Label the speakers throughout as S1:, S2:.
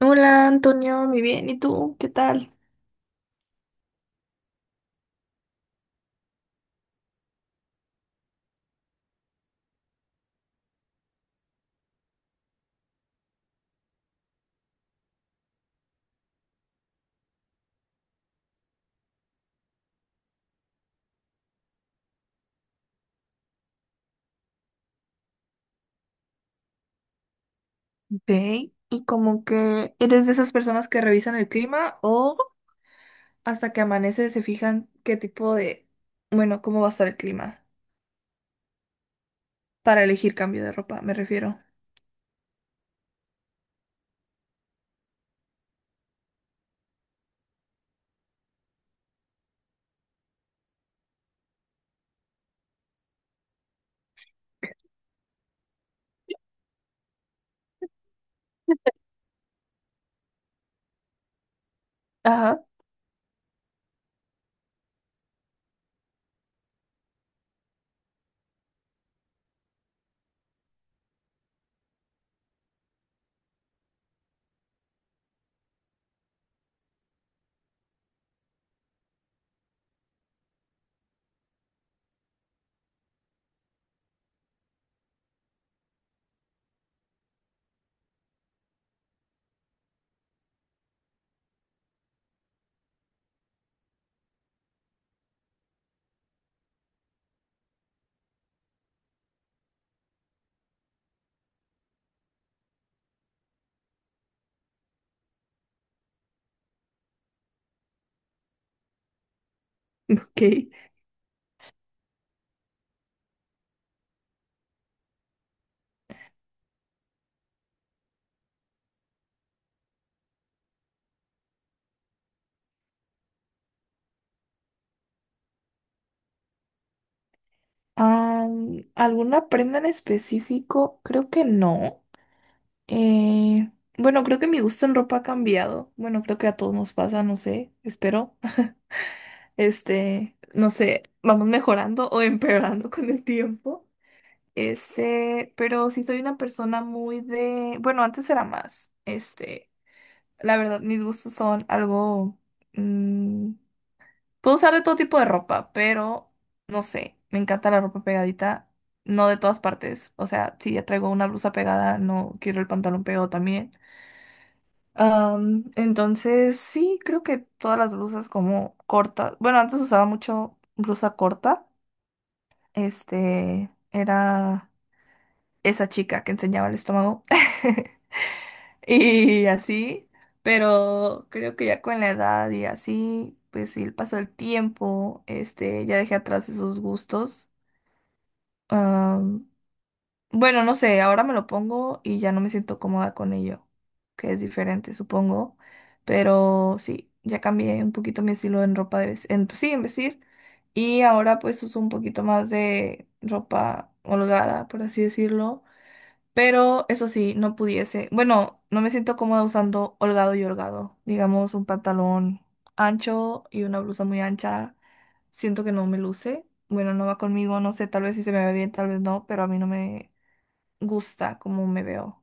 S1: Hola Antonio, muy bien. ¿Y tú? ¿Qué tal? Ok. ¿Y como que eres de esas personas que revisan el clima o hasta que amanece se fijan qué tipo de, bueno, cómo va a estar el clima para elegir cambio de ropa, me refiero? Ajá. Ok. ¿Alguna prenda en específico? Creo que no. Eh, bueno, creo que mi gusto en ropa ha cambiado. Bueno, creo que a todos nos pasa, no sé, espero. Este, no sé, vamos mejorando o empeorando con el tiempo. Este, pero sí soy una persona muy de, bueno, antes era más, este, la verdad, mis gustos son algo, mm, puedo usar de todo tipo de ropa, pero no sé, me encanta la ropa pegadita, no de todas partes, o sea, si ya traigo una blusa pegada, no quiero el pantalón pegado también. Entonces, sí, creo que todas las blusas como cortas, bueno, antes usaba mucho blusa corta, este, esa chica que enseñaba el estómago. Y así, pero creo que ya con la edad y así, pues y el paso del tiempo, este, ya dejé atrás esos gustos. Am, bueno, no sé, ahora me lo pongo y ya no me siento cómoda con ello, que es diferente, supongo. Pero sí, ya cambié un poquito mi estilo en ropa de vestir, en, pues sí, en vestir. Y ahora pues uso un poquito más de ropa holgada, por así decirlo, pero eso sí, no pudiese. Bueno, no me siento cómoda usando holgado y holgado. Digamos, un pantalón ancho y una blusa muy ancha. Siento que no me luce. Bueno, no va conmigo, no sé, tal vez si se me ve bien, tal vez no, pero a mí no me gusta cómo me veo.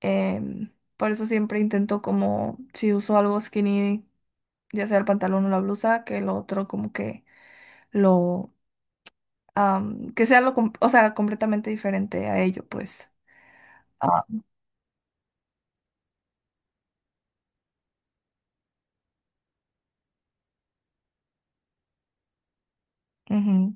S1: Em, por eso siempre intento como, si uso algo skinny, ya sea el pantalón o la blusa, que lo otro como que lo, que sea lo, o sea, completamente diferente a ello, pues. Ah, ujú.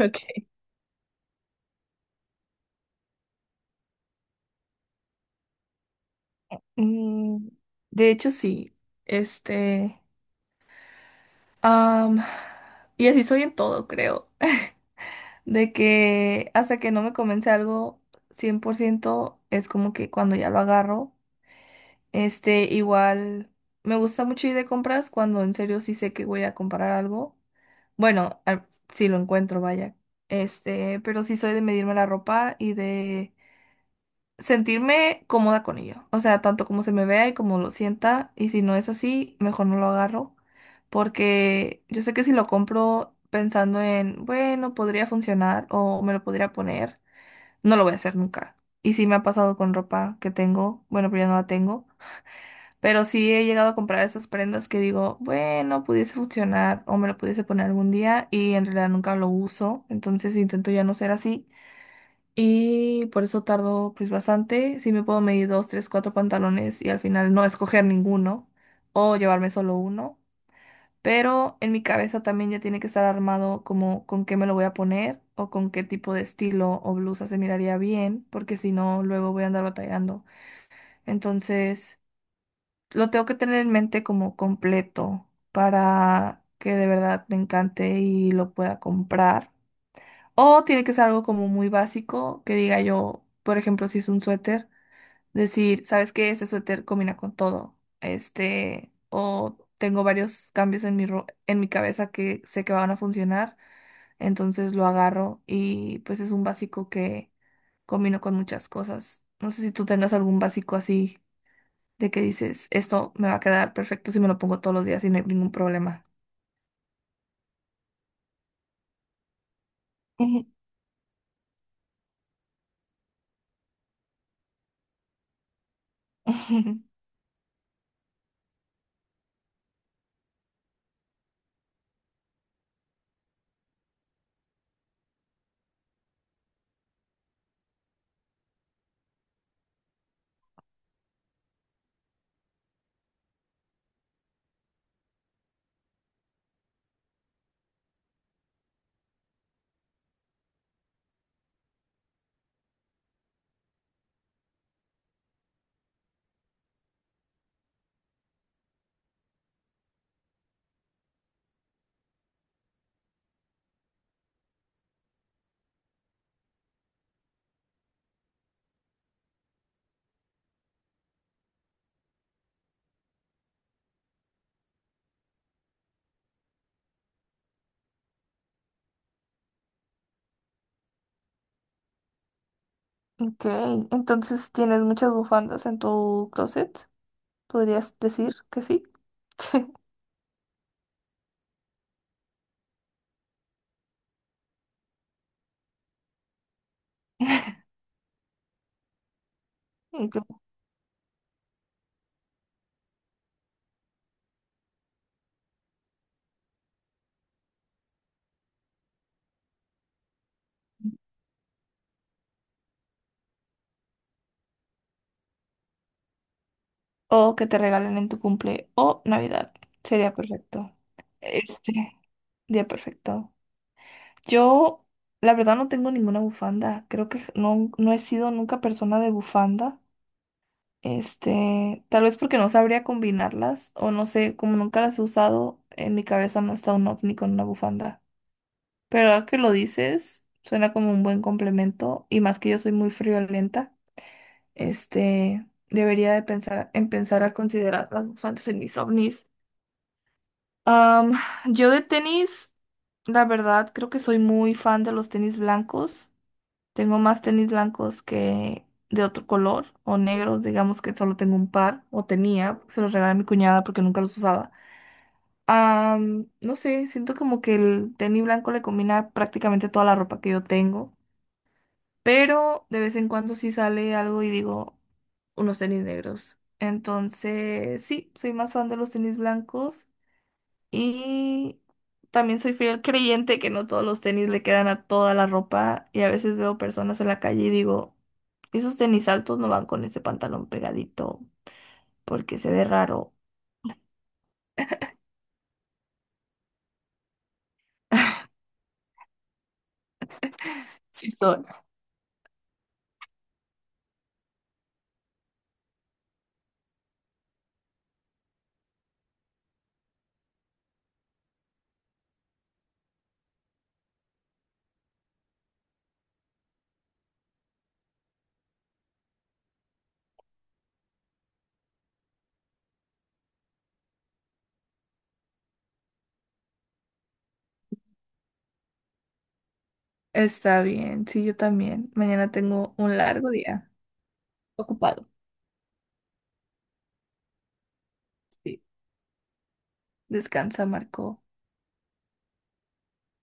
S1: Ok. Mm, de hecho, sí. Este, am, y así soy en todo, creo. De que hasta que no me convence algo 100% es como que cuando ya lo agarro, este, igual me gusta mucho ir de compras cuando en serio sí sé que voy a comprar algo. Bueno, si lo encuentro, vaya. Este, pero sí soy de medirme la ropa y de sentirme cómoda con ello. O sea, tanto como se me vea y como lo sienta. Y si no es así, mejor no lo agarro. Porque yo sé que si lo compro pensando en, bueno, podría funcionar o me lo podría poner, no lo voy a hacer nunca. Y sí me ha pasado con ropa que tengo, bueno, pero ya no la tengo. Pero sí he llegado a comprar esas prendas que digo, bueno, pudiese funcionar o me lo pudiese poner algún día y en realidad nunca lo uso. Entonces intento ya no ser así. Y por eso tardo pues bastante. Sí me puedo medir dos, tres, cuatro pantalones y al final no escoger ninguno o llevarme solo uno. Pero en mi cabeza también ya tiene que estar armado como con qué me lo voy a poner o con qué tipo de estilo o blusa se miraría bien, porque si no, luego voy a andar batallando. Entonces, lo tengo que tener en mente como completo para que de verdad me encante y lo pueda comprar. O tiene que ser algo como muy básico, que diga yo, por ejemplo, si es un suéter, decir, ¿sabes qué? Este suéter combina con todo. Este, o tengo varios cambios en en mi cabeza que sé que van a funcionar, entonces lo agarro y pues es un básico que combino con muchas cosas. No sé si tú tengas algún básico así de que dices, esto me va a quedar perfecto si me lo pongo todos los días y no hay ningún problema. Ujú. Ok, entonces tienes muchas bufandas en tu closet. ¿Podrías decir que sí? Ok. O que te regalen en tu cumple o Navidad. Sería perfecto. Este, día perfecto. Yo, la verdad, no tengo ninguna bufanda. Creo que no, no he sido nunca persona de bufanda. Este, tal vez porque no sabría combinarlas o no sé, como nunca las he usado, en mi cabeza no está un ovni con una bufanda. Pero ahora que lo dices, suena como un buen complemento y más que yo soy muy friolenta, este, debería de pensar, empezar a considerar las bufandas en mis ovnis. Am, yo de tenis, la verdad, creo que soy muy fan de los tenis blancos. Tengo más tenis blancos que de otro color o negros, digamos que solo tengo un par o tenía, se los regalé a mi cuñada porque nunca los usaba. No sé, siento como que el tenis blanco le combina prácticamente toda la ropa que yo tengo. Pero de vez en cuando sí sale algo y digo unos tenis negros. Entonces, sí, soy más fan de los tenis blancos y también soy fiel creyente que no todos los tenis le quedan a toda la ropa y a veces veo personas en la calle y digo, esos tenis altos no van con ese pantalón pegadito porque se ve raro. Sí, son. Está bien, sí, yo también. Mañana tengo un largo día. Ocupado. Sí. Descansa, Marco.